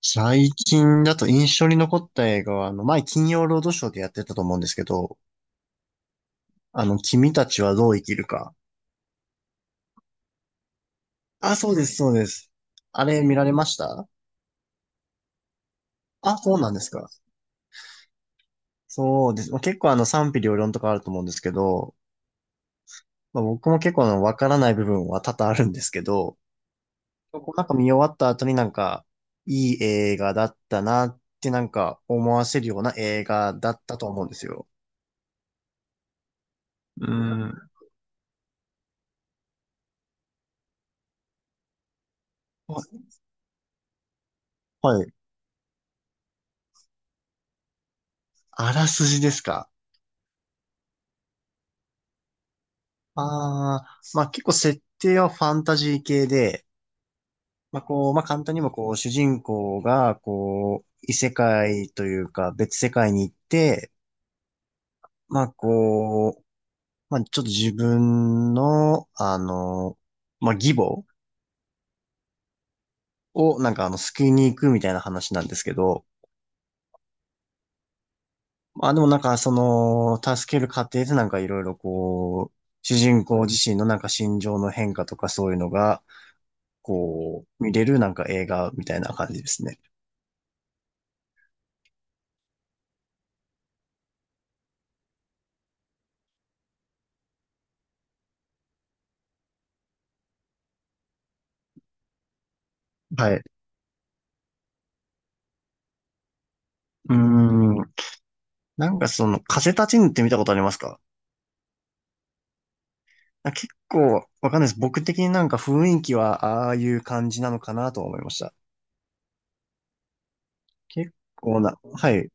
最近だと印象に残った映画は、前金曜ロードショーでやってたと思うんですけど、君たちはどう生きるか。あ、そうです、そうです。あれ見られました？あ、そうなんですか。そうです。まあ、結構賛否両論とかあると思うんですけど、まあ、僕も結構わからない部分は多々あるんですけど、こうなんか見終わった後になんか、いい映画だったなってなんか思わせるような映画だったと思うんですよ。うん。はい。あらすじですか？ああ、まあ結構設定はファンタジー系で、まあこう、まあ簡単にもこう、主人公がこう、異世界というか別世界に行って、まあこう、まあちょっと自分の、まあ義母をなんか救いに行くみたいな話なんですけど、まあでもなんかその、助ける過程でなんかいろいろこう、主人公自身のなんか心情の変化とかそういうのが、こう、見れるなんか映画みたいな感じですね。はい。うーん。なんかその、風立ちぬって見たことありますか？なんか結構、わかんないです。僕的になんか雰囲気は、ああいう感じなのかなと思いました。結構な、はい。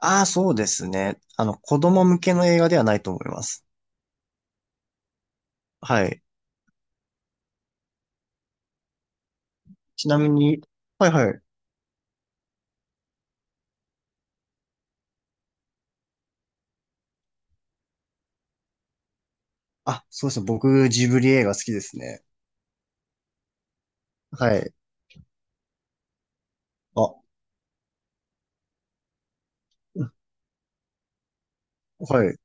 ああ、そうですね。子供向けの映画ではないと思います。はい。ちなみに、はいはい。あ、そうですね。僕、ジブリ映画好きですね。はい。あ、はい。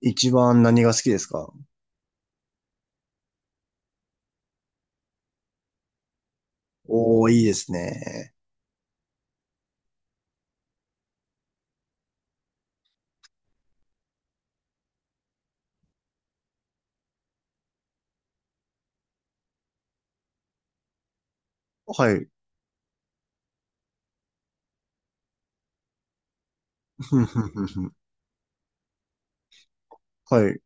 一番何が好きですか？おー、いいですね。はい。ふんふんふんふん、はい。う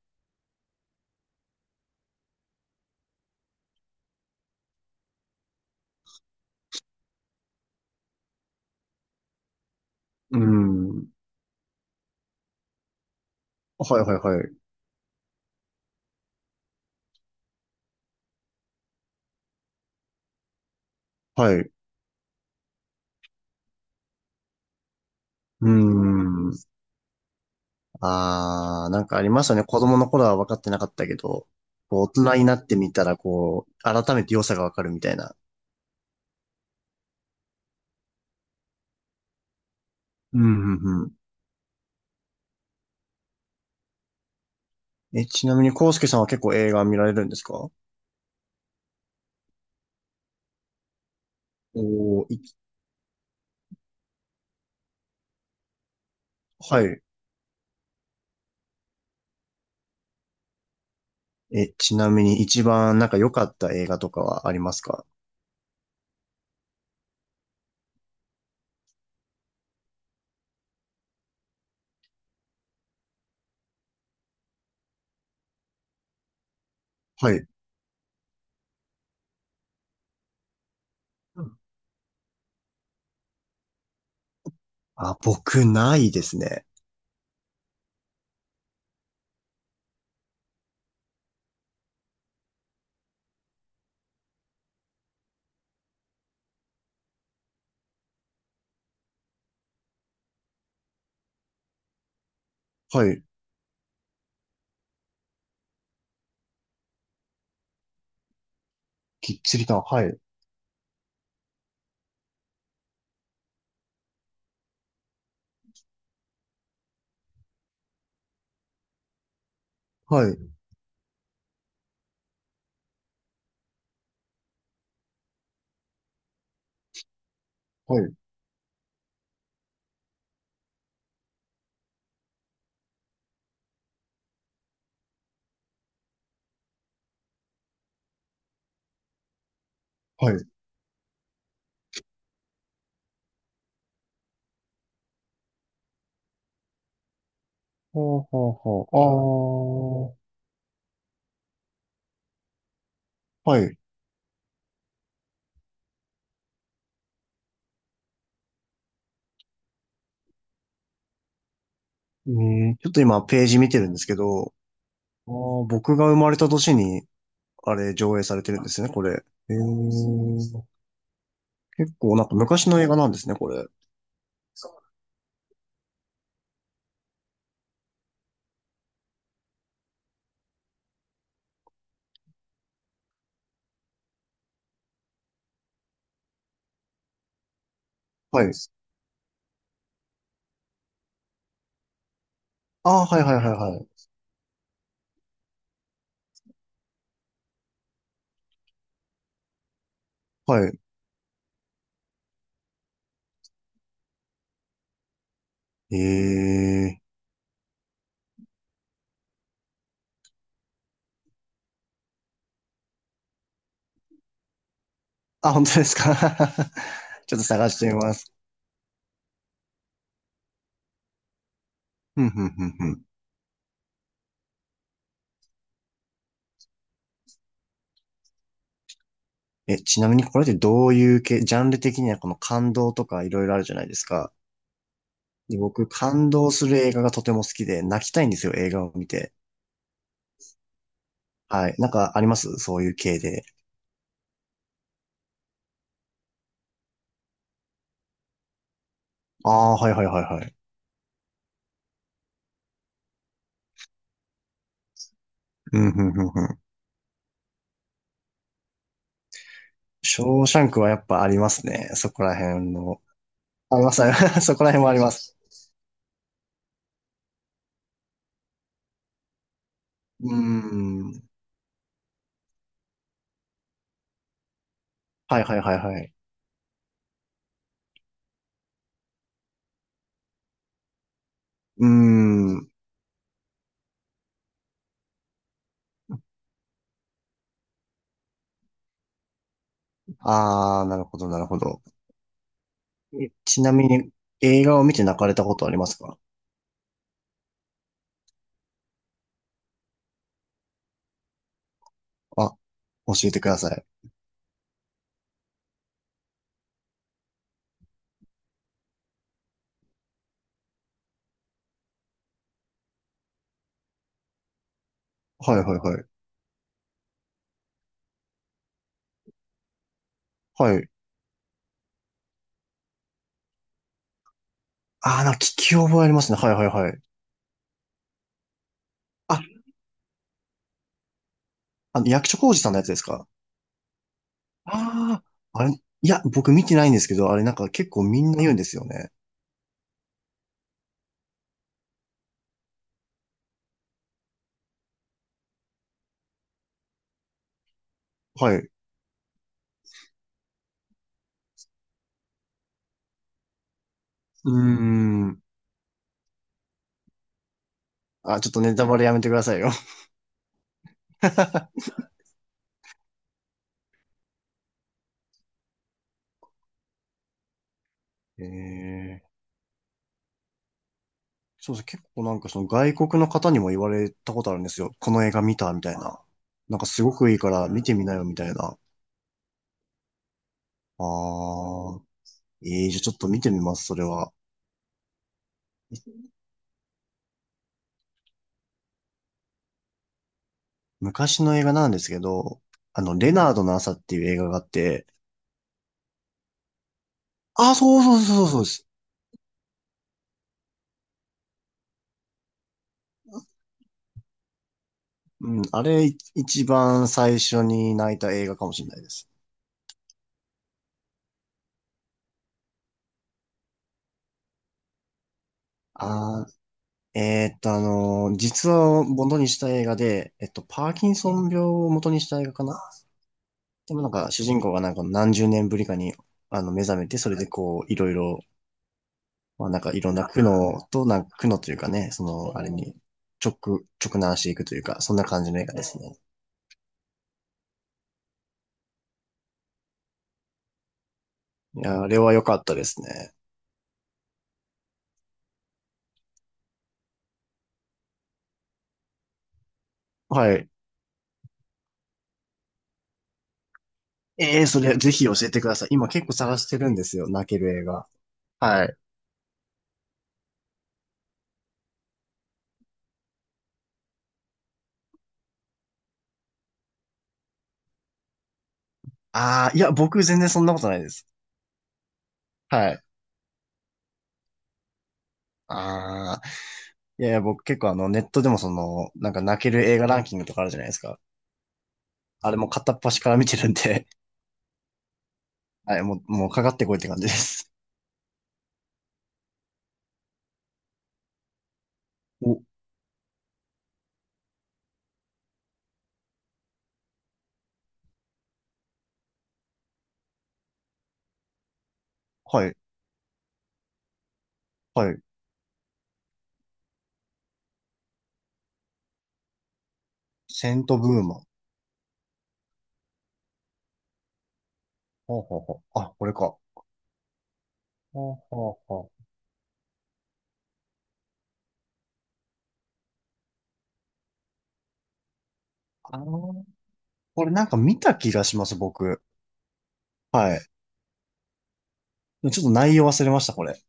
ーん。はいはいはい。はい。うーん。ああ、なんかありますよね。子供の頃は分かってなかったけど、こう大人になってみたら、こう、改めて良さが分かるみたいな。うん、うん、うん。え、ちなみに、コウスケさんは結構映画見られるんですか？おー、い、はい。え、ちなみに一番なんか良かった映画とかはありますか？はい。うん。あ、僕、ないですね。はい。きっちりと、はい。はい。はい。はい。ほうほうほう。ああ。はい。うん、ちょっと今ページ見てるんですけど、あー僕が生まれた年に、あれ、上映されてるんですね、これ。えー、結構、なんか昔の映画なんですね、これ。はい。ああ、はいはいはいはい。はい。えー。あ、本当ですか？ ちょっと探してみます。ふんふんふんふん。え、ちなみにこれってどういう系、ジャンル的にはこの感動とかいろいろあるじゃないですか。で、僕、感動する映画がとても好きで、泣きたいんですよ、映画を見て。はい。なんかありますそういう系で。ああ、はいはいはいはい。うん、うんうんん。ショーシャンクはやっぱありますね。そこら辺の。あります、あります そこら辺もあります。うーん。はいはいはいはい。うーん。あー、なるほどなるほど。えちなみに映画を見て泣かれたことありますか？あ、教えてください。はいはいはい。はい。あー、なんか聞き覚えありますね。はいはいはい。あ、役所広司さんのやつですか？ああ、あれ、いや、僕見てないんですけど、あれなんか結構みんな言うんですよね。はい。うーん。あ、ちょっとネタバレやめてくださいよ。ええそうですね。結構なんかその外国の方にも言われたことあるんですよ。この映画見たみたいな。なんかすごくいいから見てみなよみたいな。ああ、ええじゃあちょっと見てみます、それは。昔の映画なんですけど、レナードの朝っていう映画があって、ああ、そうそうそうそうそうです。うん、あれい一番最初に泣いた映画かもしれないです。ああ、実話を元にした映画で、パーキンソン病を元にした映画かな？でもなんか主人公がなんか何十年ぶりかに目覚めて、それでこういろいろ、まあなんかいろんな苦悩と、なんか苦悩というかね、そのあれに直、直難していくというか、そんな感じの映画ですね。いや、あれは良かったですね。はい。ええー、それぜひ教えてください。今結構探してるんですよ、泣ける映画。はい。ああ、いや、僕全然そんなことないです。はい。ああ、いやいや、僕結構ネットでもその、なんか泣ける映画ランキングとかあるじゃないですか。あれも片っ端から見てるんで。はい、もう、もうかかってこいって感じです。お、はい、はい。セントブーマン。ほうほうほう。あ、これか。ほうほうほう。あのーこれなんか見た気がします、僕。はい。ちょっと内容忘れました、これ。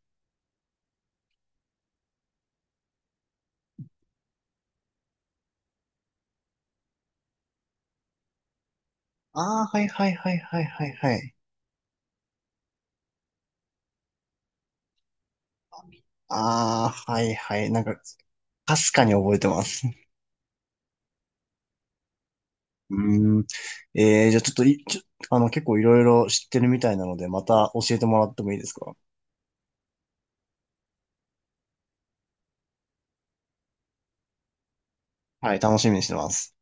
ああ、はいはいはいはいはいはい。ああ、はいはい。なんか、かすかに覚えてます。うーん。えー、じゃあちょっとい、ちょ、結構いろいろ知ってるみたいなので、また教えてもらってもいいですか？はい、楽しみにしてます。